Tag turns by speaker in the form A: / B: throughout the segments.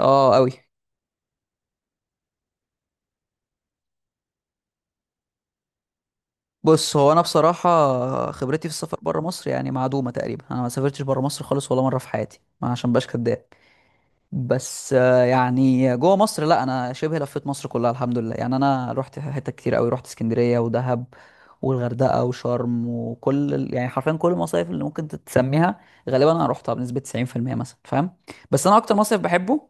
A: اه قوي. بص، هو انا بصراحه خبرتي في السفر بره مصر يعني معدومه تقريبا. انا ما سافرتش بره مصر خالص ولا مره في حياتي، ما عشان باش كداب. بس يعني جوه مصر، لا انا شبه لفيت مصر كلها الحمد لله. يعني انا رحت حتت كتير قوي، رحت اسكندريه ودهب والغردقه وشرم، يعني حرفيا كل المصايف اللي ممكن تسميها غالبا انا رحتها بنسبه 90% مثلا، فاهم؟ بس انا اكتر مصيف بحبه،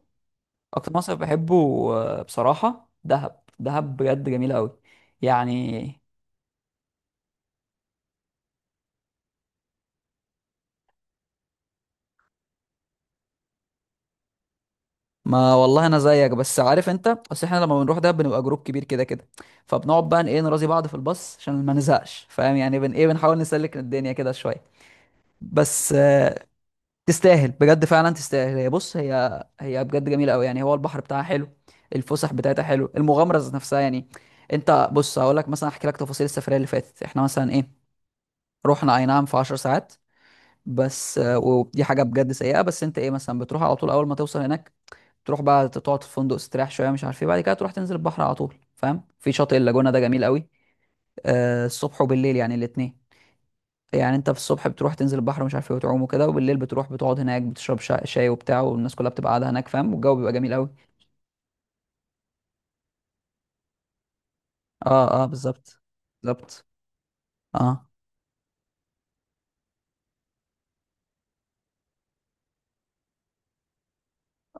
A: اكتر مصيف بحبه، بصراحه دهب. دهب بجد جميله قوي يعني. ما والله انا زيك، بس عارف انت اصل احنا لما بنروح ده بنبقى جروب كبير كده كده، فبنقعد بقى ايه، نراضي بعض في الباص عشان ما نزهقش، فاهم يعني؟ بن ايه بنحاول نسلك الدنيا كده شويه. بس تستاهل بجد، فعلا تستاهل. هي بص هي بجد جميله قوي يعني، هو البحر بتاعها حلو، الفسح بتاعتها حلو، المغامره ذات نفسها يعني. انت بص، هقول لك مثلا، احكي لك تفاصيل السفريه اللي فاتت. احنا مثلا ايه، رحنا اي نعم في 10 ساعات، بس ودي حاجه بجد سيئه. بس انت ايه مثلا، بتروح على طول اول ما توصل هناك، تروح بقى تقعد في الفندق تستريح شويه، مش عارف ايه، بعد كده تروح تنزل البحر على طول، فاهم؟ في شاطئ اللاجونه ده جميل قوي، آه، الصبح وبالليل يعني، الاثنين. يعني انت في الصبح بتروح تنزل البحر مش عارف ايه وتعوم وكده، وبالليل بتروح بتقعد هناك، بتشرب شاي وبتاع، والناس كلها بتبقى قاعده هناك فاهم، والجو بيبقى جميل قوي. اه، اه، بالظبط، بالظبط. اه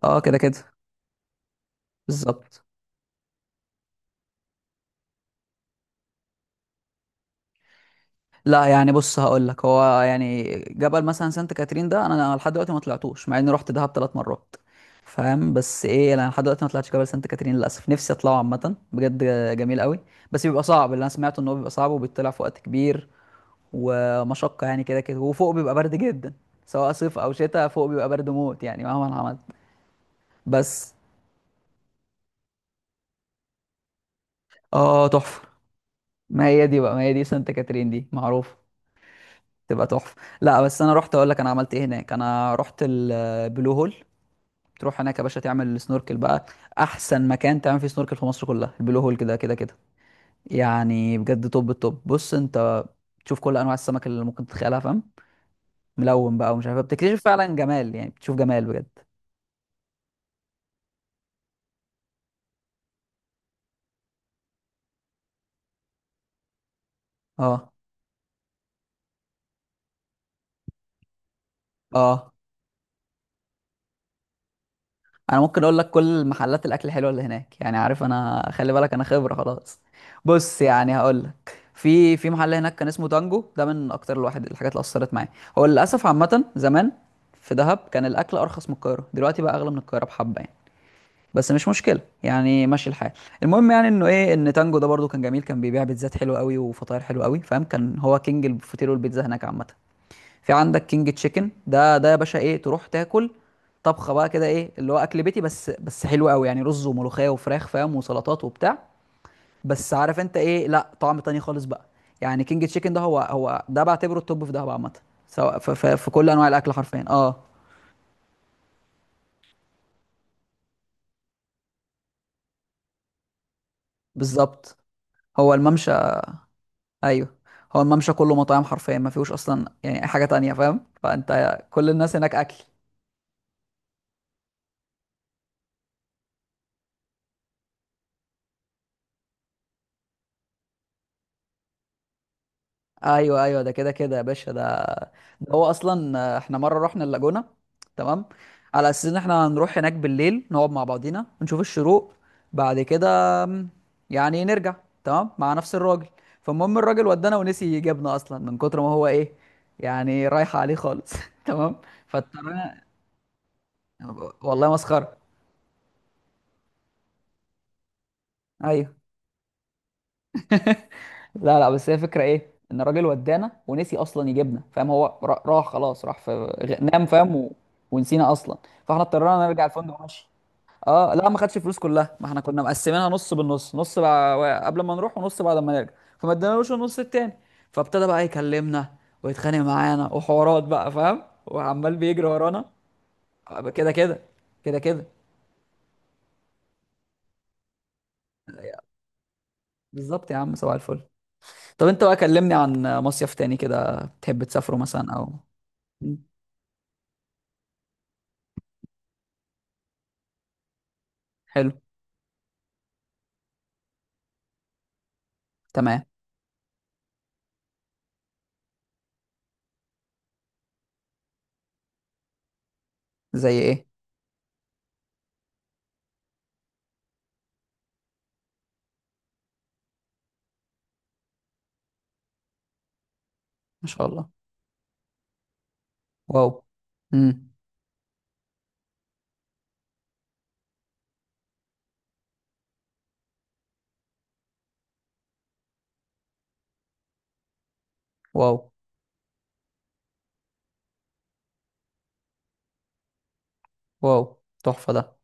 A: اه، كده كده، بالظبط. لا يعني بص، هقول لك، هو يعني جبل مثلا سانت كاترين ده انا لحد دلوقتي ما طلعتوش، مع اني رحت دهب 3 مرات فاهم. بس ايه، انا لحد دلوقتي ما طلعتش جبل سانت كاترين للاسف، نفسي اطلعه عامه بجد. جميل قوي. بس بيبقى صعب، اللي انا سمعته ان هو بيبقى صعب، وبيطلع في وقت كبير ومشقه يعني كده كده، وفوق بيبقى برد جدا، سواء صيف او شتاء، فوق بيبقى برد موت يعني مهما عملت. بس اه، تحفه. ما هي دي بقى، ما هي دي سانت كاترين دي معروفه تبقى تحفه. لا بس انا رحت اقول لك انا عملت ايه هناك. انا رحت البلو هول، تروح هناك يا باشا تعمل سنوركل بقى، احسن مكان تعمل فيه سنوركل في مصر كلها البلو هول كده كده كده يعني، بجد توب التوب. بص انت، تشوف كل انواع السمك اللي ممكن تتخيلها فاهم، ملون بقى ومش عارف إيه، بتكتشف فعلا جمال يعني، بتشوف جمال بجد. اه اه. انا ممكن اقول لك كل محلات الاكل الحلوه اللي هناك، يعني عارف انا، خلي بالك انا خبره خلاص. بص يعني، هقول لك، في محل هناك كان اسمه تانجو، ده من اكتر الواحد الحاجات اللي اثرت معايا. هو للاسف عامه، زمان في دهب كان الاكل ارخص من القاهره، دلوقتي بقى اغلى من القاهره بحبه يعني، بس مش مشكله يعني، ماشي الحال. المهم يعني انه ايه، ان تانجو ده برضو كان جميل، كان بيبيع بيتزات حلوه قوي وفطاير حلوه قوي فاهم، كان هو كينج الفطير والبيتزا هناك عامه. في عندك كينج تشيكن، ده ده يا باشا ايه، تروح تاكل طبخه بقى كده ايه، اللي هو اكل بيتي بس بس حلو قوي يعني، رز وملوخيه وفراخ فاهم، وسلطات وبتاع، بس عارف انت ايه، لا طعم تاني خالص بقى. يعني كينج تشيكن ده، هو ده بعتبره التوب في دهب عامه، سواء في كل انواع الاكل حرفيا، اه بالظبط. هو الممشى، ايوه، هو الممشى كله مطاعم حرفيا، ما فيهوش اصلا يعني أي حاجه تانية فاهم، فانت كل الناس هناك اكل. ايوه ايوه، ده كده كده يا باشا، ده ده هو اصلا، احنا مره رحنا اللاجونه، تمام، على اساس ان احنا هنروح هناك بالليل نقعد مع بعضينا نشوف الشروق، بعد كده آم، يعني نرجع، تمام، مع نفس الراجل. فالمهم، الراجل ودانا ونسي يجيبنا اصلا من كتر ما هو ايه، يعني رايحه عليه خالص، تمام. فاضطرينا، والله مسخره، ايوه. لا لا، بس هي فكرة ايه، ان الراجل ودانا ونسي اصلا يجيبنا فاهم. هو راح خلاص، راح في نام فاهم، ونسينا اصلا، فاحنا اضطرينا نرجع الفندق ماشي. اه لا، ما خدش الفلوس كلها، ما احنا كنا مقسمينها نص بالنص، نص بقى قبل ما نروح ونص بعد ما نرجع، فما ادانالوش النص التاني، فابتدى بقى يكلمنا ويتخانق معانا، وحوارات بقى فاهم، وعمال بيجري ورانا. كده كده، كده كده، بالظبط يا عم صباح الفل. طب انت بقى، كلمني عن مصيف تاني كده تحب تسافره مثلا او. حلو، تمام، زي ايه، ما شاء الله، واو، امم، واو، واو تحفة ده.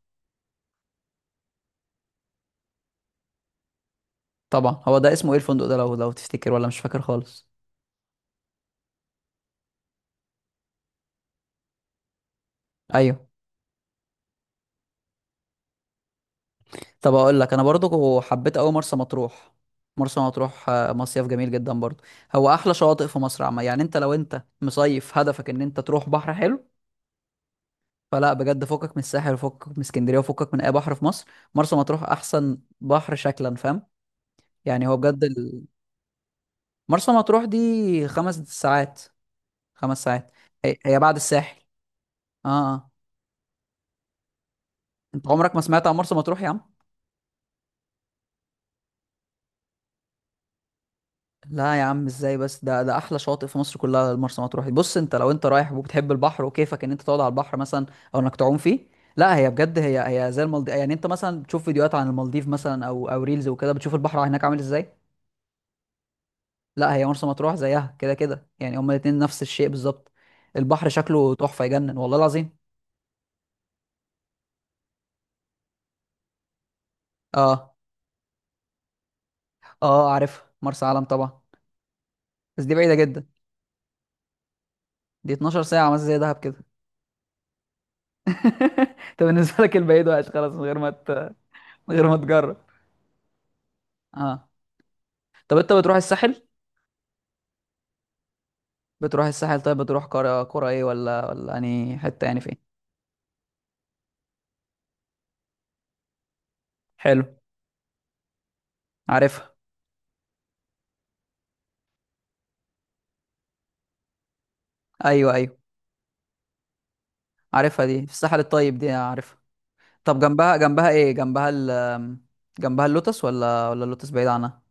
A: طبعا، هو ده اسمه ايه الفندق ده، لو تفتكر، ولا مش فاكر خالص؟ ايوه. طب اقول لك انا برضو حبيت قوي مرسى مطروح. مرسى مطروح مصيف جميل جدا برضو، هو احلى شواطئ في مصر عامة يعني، انت لو انت مصيف هدفك ان انت تروح بحر حلو، فلا بجد فكك من الساحل، وفكك من اسكندرية، وفكك من اي بحر في مصر. مرسى مطروح احسن بحر شكلا فاهم، يعني هو بجد ال... مرسى مطروح دي 5 ساعات، 5 ساعات. هي بعد الساحل. اه اه. انت عمرك ما سمعت عن مرسى مطروح يا عم؟ لا يا عم، ازاي بس، ده ده احلى شاطئ في مصر كلها مرسى مطروح. بص انت لو انت رايح وبتحب البحر، وكيفك ان انت تقعد على البحر مثلا او انك تعوم فيه، لا هي بجد، هي زي المالديف يعني. انت مثلا بتشوف فيديوهات عن المالديف مثلا، او ريلز وكده، بتشوف البحر هناك عامل ازاي، لا هي مرسى مطروح زيها كده كده يعني، هما الاتنين نفس الشيء بالظبط. البحر شكله تحفة يجنن والله العظيم. اه اه، عارف مرسى علم طبعا، بس دي بعيدة جدا، دي 12 ساعة مثلا زي دهب كده. طب بالنسبه لك، البعيد وحش خلاص، من غير ما ت... من غير ما تجرب. اه. طب انت بتروح الساحل؟ بتروح الساحل، طيب بتروح قرى، قرى ايه؟ ولا اني حته يعني، فين؟ حلو، عارفها، ايوه ايوه، عارفها دي في الساحل الطيب دي، آه، عارفها. طب جنبها، جنبها ايه، جنبها ال، جنبها اللوتس، ولا اللوتس بعيد عنها؟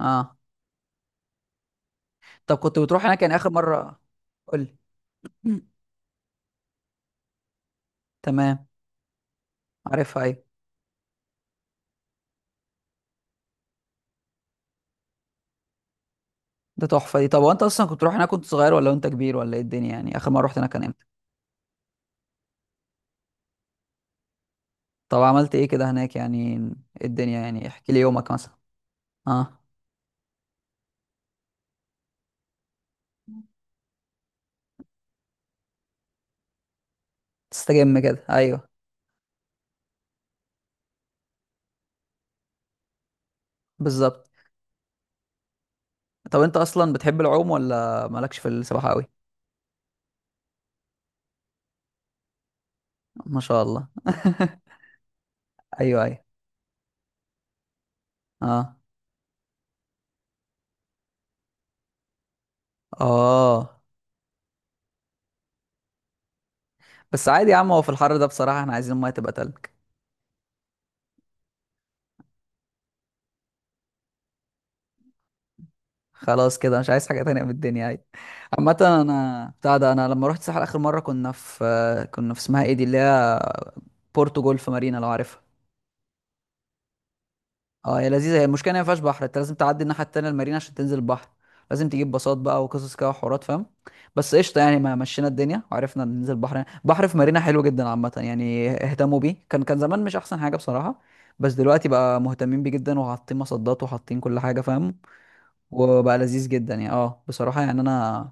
A: اه. طب كنت بتروح هناك يعني اخر مره؟ قول لي. تمام، عارفها ايوه، ده تحفه دي. طب وانت اصلا كنت بتروح هناك كنت صغير، ولا وانت كبير، ولا ايه الدنيا يعني اخر مره رحت هناك كان؟ طب عملت ايه كده هناك يعني، إيه الدنيا يعني، احكي لي يومك مثلا. اه، تستجم كده، ايوه، بالظبط. طب انت اصلا بتحب العوم، ولا مالكش في السباحه قوي؟ ما شاء الله. ايوه ايوه. اه اه. بس عادي يا عم، هو في الحر ده بصراحه احنا عايزين الميه تبقى تلج. خلاص كده مش عايز حاجه تانية من الدنيا عادي. عامه انا بتاع ده، انا لما رحت الساحل اخر مره كنا في، كنا في اسمها ايه دي اللي هي بورتو جولف مارينا، لو عارفها. اه هي لذيذه، هي المشكله إن هي ما فيهاش بحر، انت لازم تعدي الناحيه التانيه المارينا عشان تنزل البحر، لازم تجيب باصات بقى وقصص كده وحوارات فاهم. بس قشطه يعني، ما مشينا الدنيا وعرفنا ننزل البحر، بحر في مارينا حلو جدا عامه يعني، اهتموا بيه، كان زمان مش احسن حاجه بصراحه، بس دلوقتي بقى مهتمين بيه جدا، وحاطين مصدات، وحاطين كل حاجه فاهم، وبقى لذيذ جدا يعني. اه بصراحه يعني انا.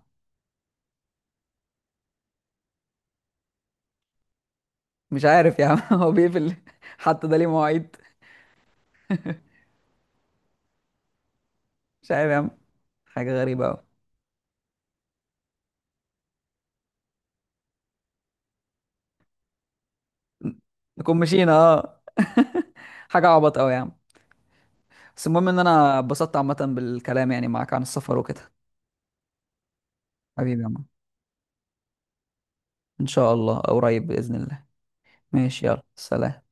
A: مش عارف يا عم، هو بيقفل، حتى ده ليه مواعيد؟ مش عارف يا عم، حاجه غريبه قوي. نكون مشينا، اه. حاجه عبط قوي يا عم. بس المهم ان انا اتبسطت عامة بالكلام يعني معاك عن السفر وكده. حبيبي يا عم، ان شاء الله قريب بإذن الله. ماشي، يلا، سلام.